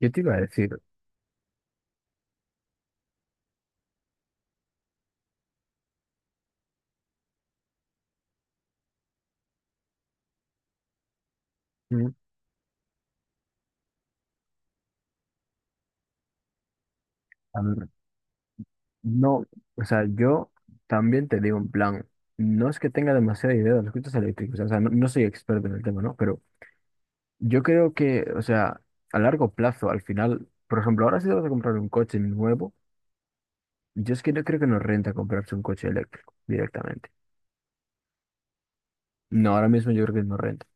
Yo te iba a decir, mm, am- no, o sea, yo también te digo en plan, no es que tenga demasiada idea de los coches eléctricos, o sea, no soy experto en el tema, ¿no? Pero yo creo que, o sea, a largo plazo, al final, por ejemplo, ahora si te vas a comprar un coche nuevo, yo es que no creo que nos renta comprarse un coche eléctrico directamente. No, ahora mismo yo creo que no renta.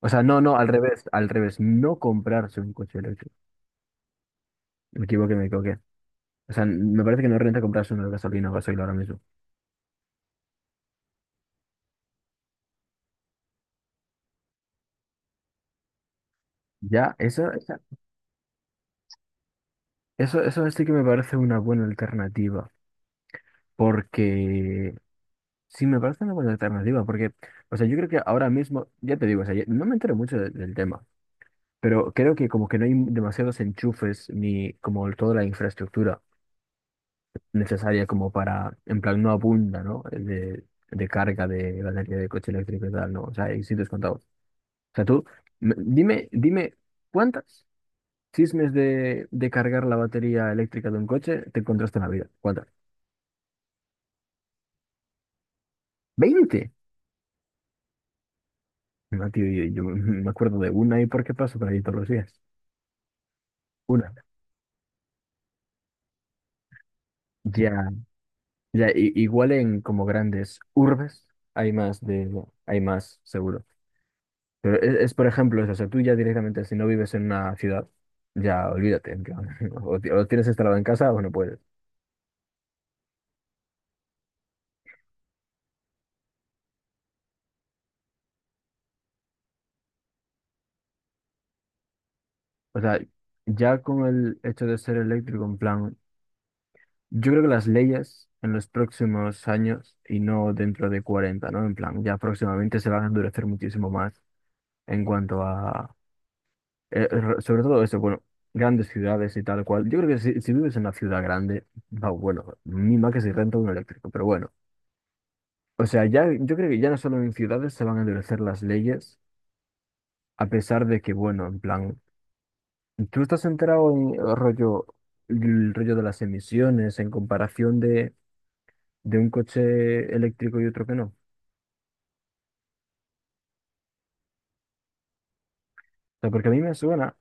O sea, no, no, al revés, no comprarse un coche eléctrico. Me equivoqué, me equivoqué. O sea, me parece que no renta comprarse uno de gasolina o gasoil ahora mismo. Ya, eso. Eso sí que me parece una buena alternativa, porque sí me parece una buena alternativa, porque, o sea, yo creo que ahora mismo, ya te digo, o sea, no me entero mucho del tema, pero creo que como que no hay demasiados enchufes ni como toda la infraestructura necesaria como para, en plan, no abunda, ¿no? De carga de batería de coche eléctrico y tal, ¿no? O sea, hay sitios contados. O sea, tú, dime, ¿cuántas chismes de cargar la batería eléctrica de un coche te encontraste en la vida? ¿Cuántas? Veinte. No, tío, yo me acuerdo de una y por qué paso por ahí todos los días. Una. Ya, ya, igual en como grandes urbes hay más de, hay más seguro. Pero es, por ejemplo, eso, o sea, tú ya directamente, si no vives en una ciudad, ya olvídate, en plan, o, o tienes instalado en casa o no puedes. O sea, ya con el hecho de ser eléctrico, en plan, yo creo que las leyes en los próximos años, y no dentro de cuarenta, ¿no? En plan, ya próximamente se van a endurecer muchísimo más en cuanto a... sobre todo eso, bueno, grandes ciudades y tal cual. Yo creo que si, si vives en una ciudad grande, va, bueno, mima que si renta un eléctrico, pero bueno. O sea, ya, yo creo que ya no solo en ciudades se van a endurecer las leyes, a pesar de que, bueno, en plan, tú estás enterado en el rollo de las emisiones en comparación de un coche eléctrico y otro que no. O sea, porque a mí me suena,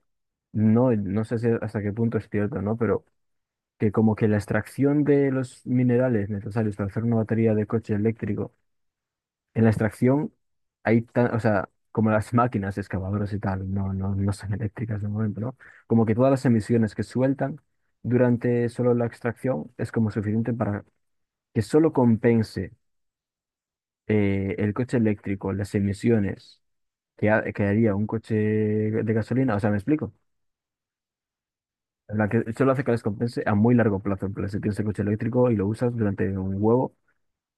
no sé si hasta qué punto es cierto, ¿no? Pero que como que la extracción de los minerales necesarios para hacer una batería de coche eléctrico, en la extracción hay tan, o sea, como las máquinas excavadoras y tal, no son eléctricas de momento, ¿no? Como que todas las emisiones que sueltan durante solo la extracción es como suficiente para que solo compense, el coche eléctrico, las emisiones que haría un coche de gasolina, o sea, ¿me explico? La que solo hace que les compense a muy largo plazo, en plan, si tienes el coche eléctrico y lo usas durante un huevo.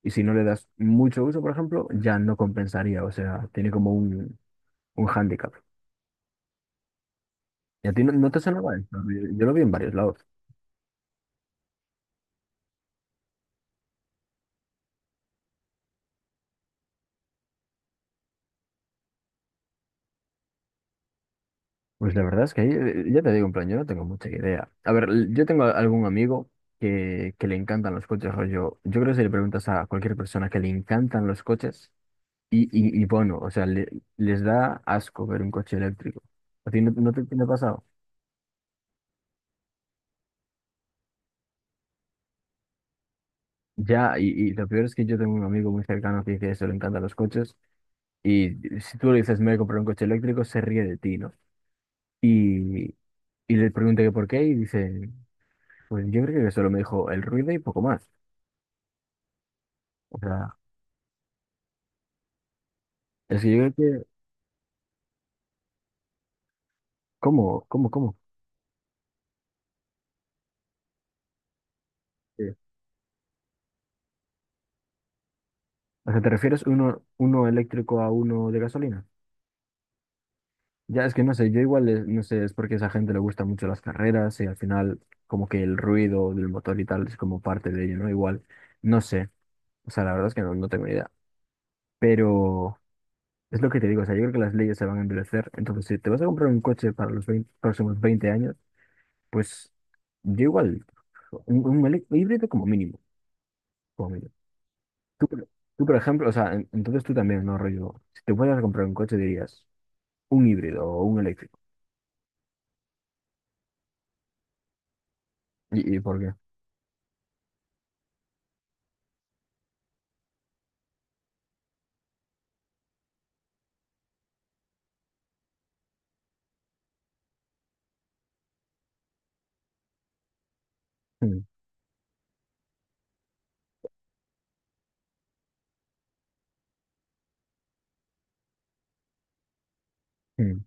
Y si no le das mucho uso, por ejemplo, ya no compensaría. O sea, tiene como un hándicap. ¿Y a ti no, no te sonaba esto? Yo lo vi en varios lados. Pues la verdad es que ahí, ya te digo, en plan, yo no tengo mucha idea. A ver, yo tengo algún amigo que le encantan los coches, rollo. Yo creo que si le preguntas a cualquier persona que le encantan los coches, y bueno, o sea, les da asco ver un coche eléctrico. ¿A ti no, no te ha pasado? Ya, y lo peor es que yo tengo un amigo muy cercano que dice eso, le encantan los coches. Y si tú le dices, me voy a comprar un coche eléctrico, se ríe de ti, ¿no? Y, y le pregunté que por qué y dice, pues yo creo que solo me dijo el ruido y poco más. O sea, es que yo creo que... ¿Cómo? ¿Cómo? Eh, O sea, ¿te refieres uno, uno eléctrico a uno de gasolina? Ya, es que no sé, yo igual, no sé, es porque a esa gente le gustan mucho las carreras y al final como que el ruido del motor y tal es como parte de ello, ¿no? Igual, no sé, o sea, la verdad es que no, no tengo ni idea. Pero es lo que te digo, o sea, yo creo que las leyes se van a endurecer. Entonces, si te vas a comprar un coche para los 20 próximos 20 años, pues yo igual, un híbrido como mínimo, como mínimo. Tú, por- tú, por ejemplo, o sea, entonces tú también, no, rollo, si te fueras a comprar un coche dirías un híbrido o un eléctrico. Y por qué? Mm, mm,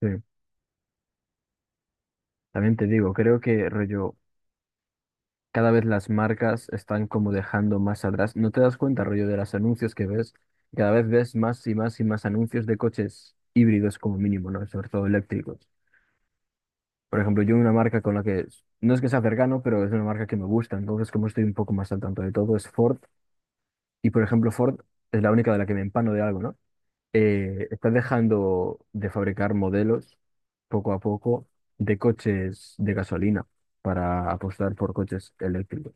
sí. También te digo, creo que rollo cada vez las marcas están como dejando más atrás. No te das cuenta, rollo, de los anuncios que ves. Cada vez ves más y más y más anuncios de coches híbridos como mínimo, ¿no? Sobre todo eléctricos. Por ejemplo, yo una marca con la que no es que sea cercano, pero es una marca que me gusta. Entonces, como estoy un poco más al tanto de todo, es Ford. Y por ejemplo, Ford es la única de la que me empano de algo, ¿no? Está dejando de fabricar modelos poco a poco de coches de gasolina para apostar por coches eléctricos.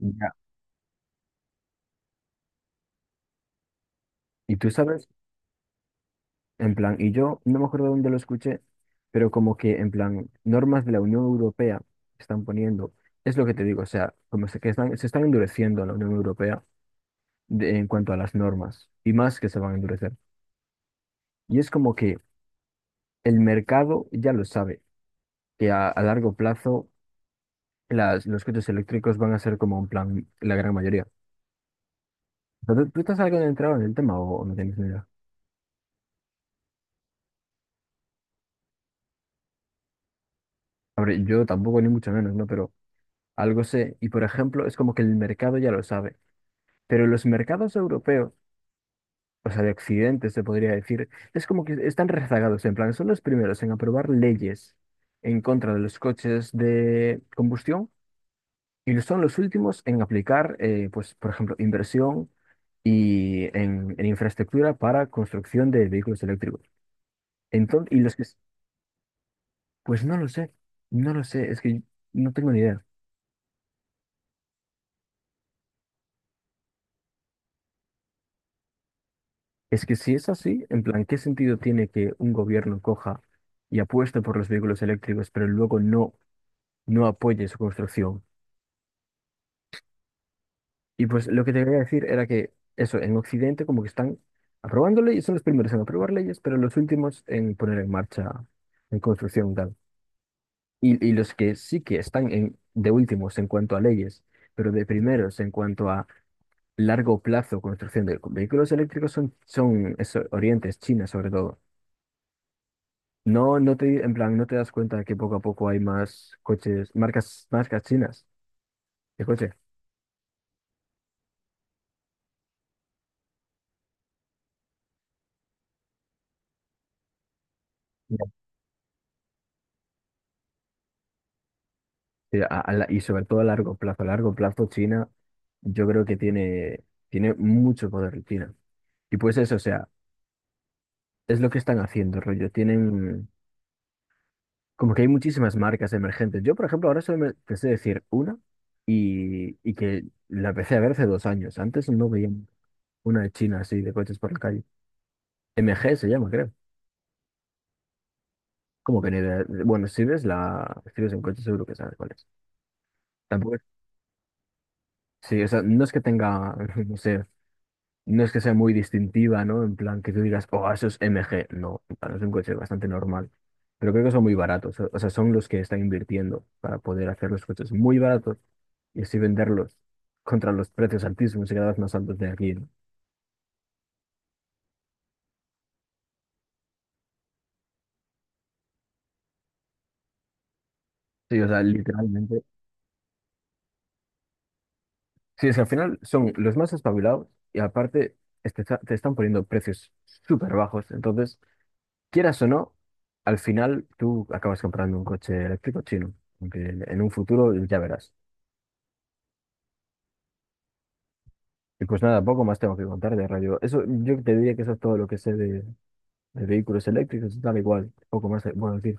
Ya. ¿Y tú sabes? En plan, y yo no me acuerdo dónde lo escuché, pero como que en plan, normas de la Unión Europea están poniendo, es lo que te digo, o sea, como que están, se están endureciendo en la Unión Europea en cuanto a las normas, y más que se van a endurecer. Y es como que el mercado ya lo sabe, que a largo plazo las, los coches eléctricos van a ser como en plan la gran mayoría. Pero ¿tú, tú estás algo entrado en el tema o no tienes ni idea? A ver, yo tampoco ni mucho menos, ¿no? Pero algo sé, y por ejemplo, es como que el mercado ya lo sabe. Pero los mercados europeos, o sea, de Occidente se podría decir, es como que están rezagados, en plan, son los primeros en aprobar leyes en contra de los coches de combustión y son los últimos en aplicar, pues, por ejemplo, inversión y en infraestructura para construcción de vehículos eléctricos. Entonces, pues no lo sé, no lo sé, es que no tengo ni idea. Es que si es así, en plan, ¿qué sentido tiene que un gobierno coja y apueste por los vehículos eléctricos, pero luego no apoye su construcción? Y pues lo que te quería decir era que eso, en Occidente como que están aprobando leyes, son los primeros en aprobar leyes, pero los últimos en poner en marcha, en construcción tal. Y los que sí que están en, de últimos en cuanto a leyes, pero de primeros en cuanto a largo plazo construcción de vehículos eléctricos son, son eso, Oriente, es China sobre todo. No, en plan, no te das cuenta de que poco a poco hay más coches, marcas, marcas chinas de coche. Sí, y sobre todo a largo plazo. A largo plazo, China, yo creo que tiene, tiene mucho poder China. Y pues eso, o sea, es lo que están haciendo, rollo. Tienen, como que hay muchísimas marcas emergentes. Yo, por ejemplo, ahora solo me te sé decir una y que la empecé a ver hace dos años. Antes no veía una de China así de coches por la calle. MG se llama, creo. Como que ni idea. Bueno, si ves la, si ves un coche seguro que sabes cuál es. Tampoco es- sí, o sea, no es que tenga, no sé, no es que sea muy distintiva, ¿no? En plan, que tú digas, oh, eso es MG. No, en plan, es un coche bastante normal. Pero creo que son muy baratos. O sea, son los que están invirtiendo para poder hacer los coches muy baratos y así venderlos contra los precios altísimos y cada vez más altos de aquí, ¿no? Sí, o sea, literalmente. Sí, es que al final son los más espabilados y aparte es que te están poniendo precios súper bajos. Entonces, quieras o no, al final tú acabas comprando un coche eléctrico chino. Aunque en un futuro ya verás. Y pues nada, poco más tengo que contar de rayo. Eso, yo te diría que eso es todo lo que sé de vehículos eléctricos, tal igual, poco más te puedo decir.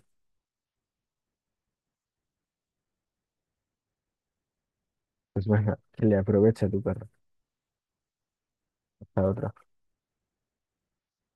Pues venga, que le aprovecha tu perro. Hasta otra.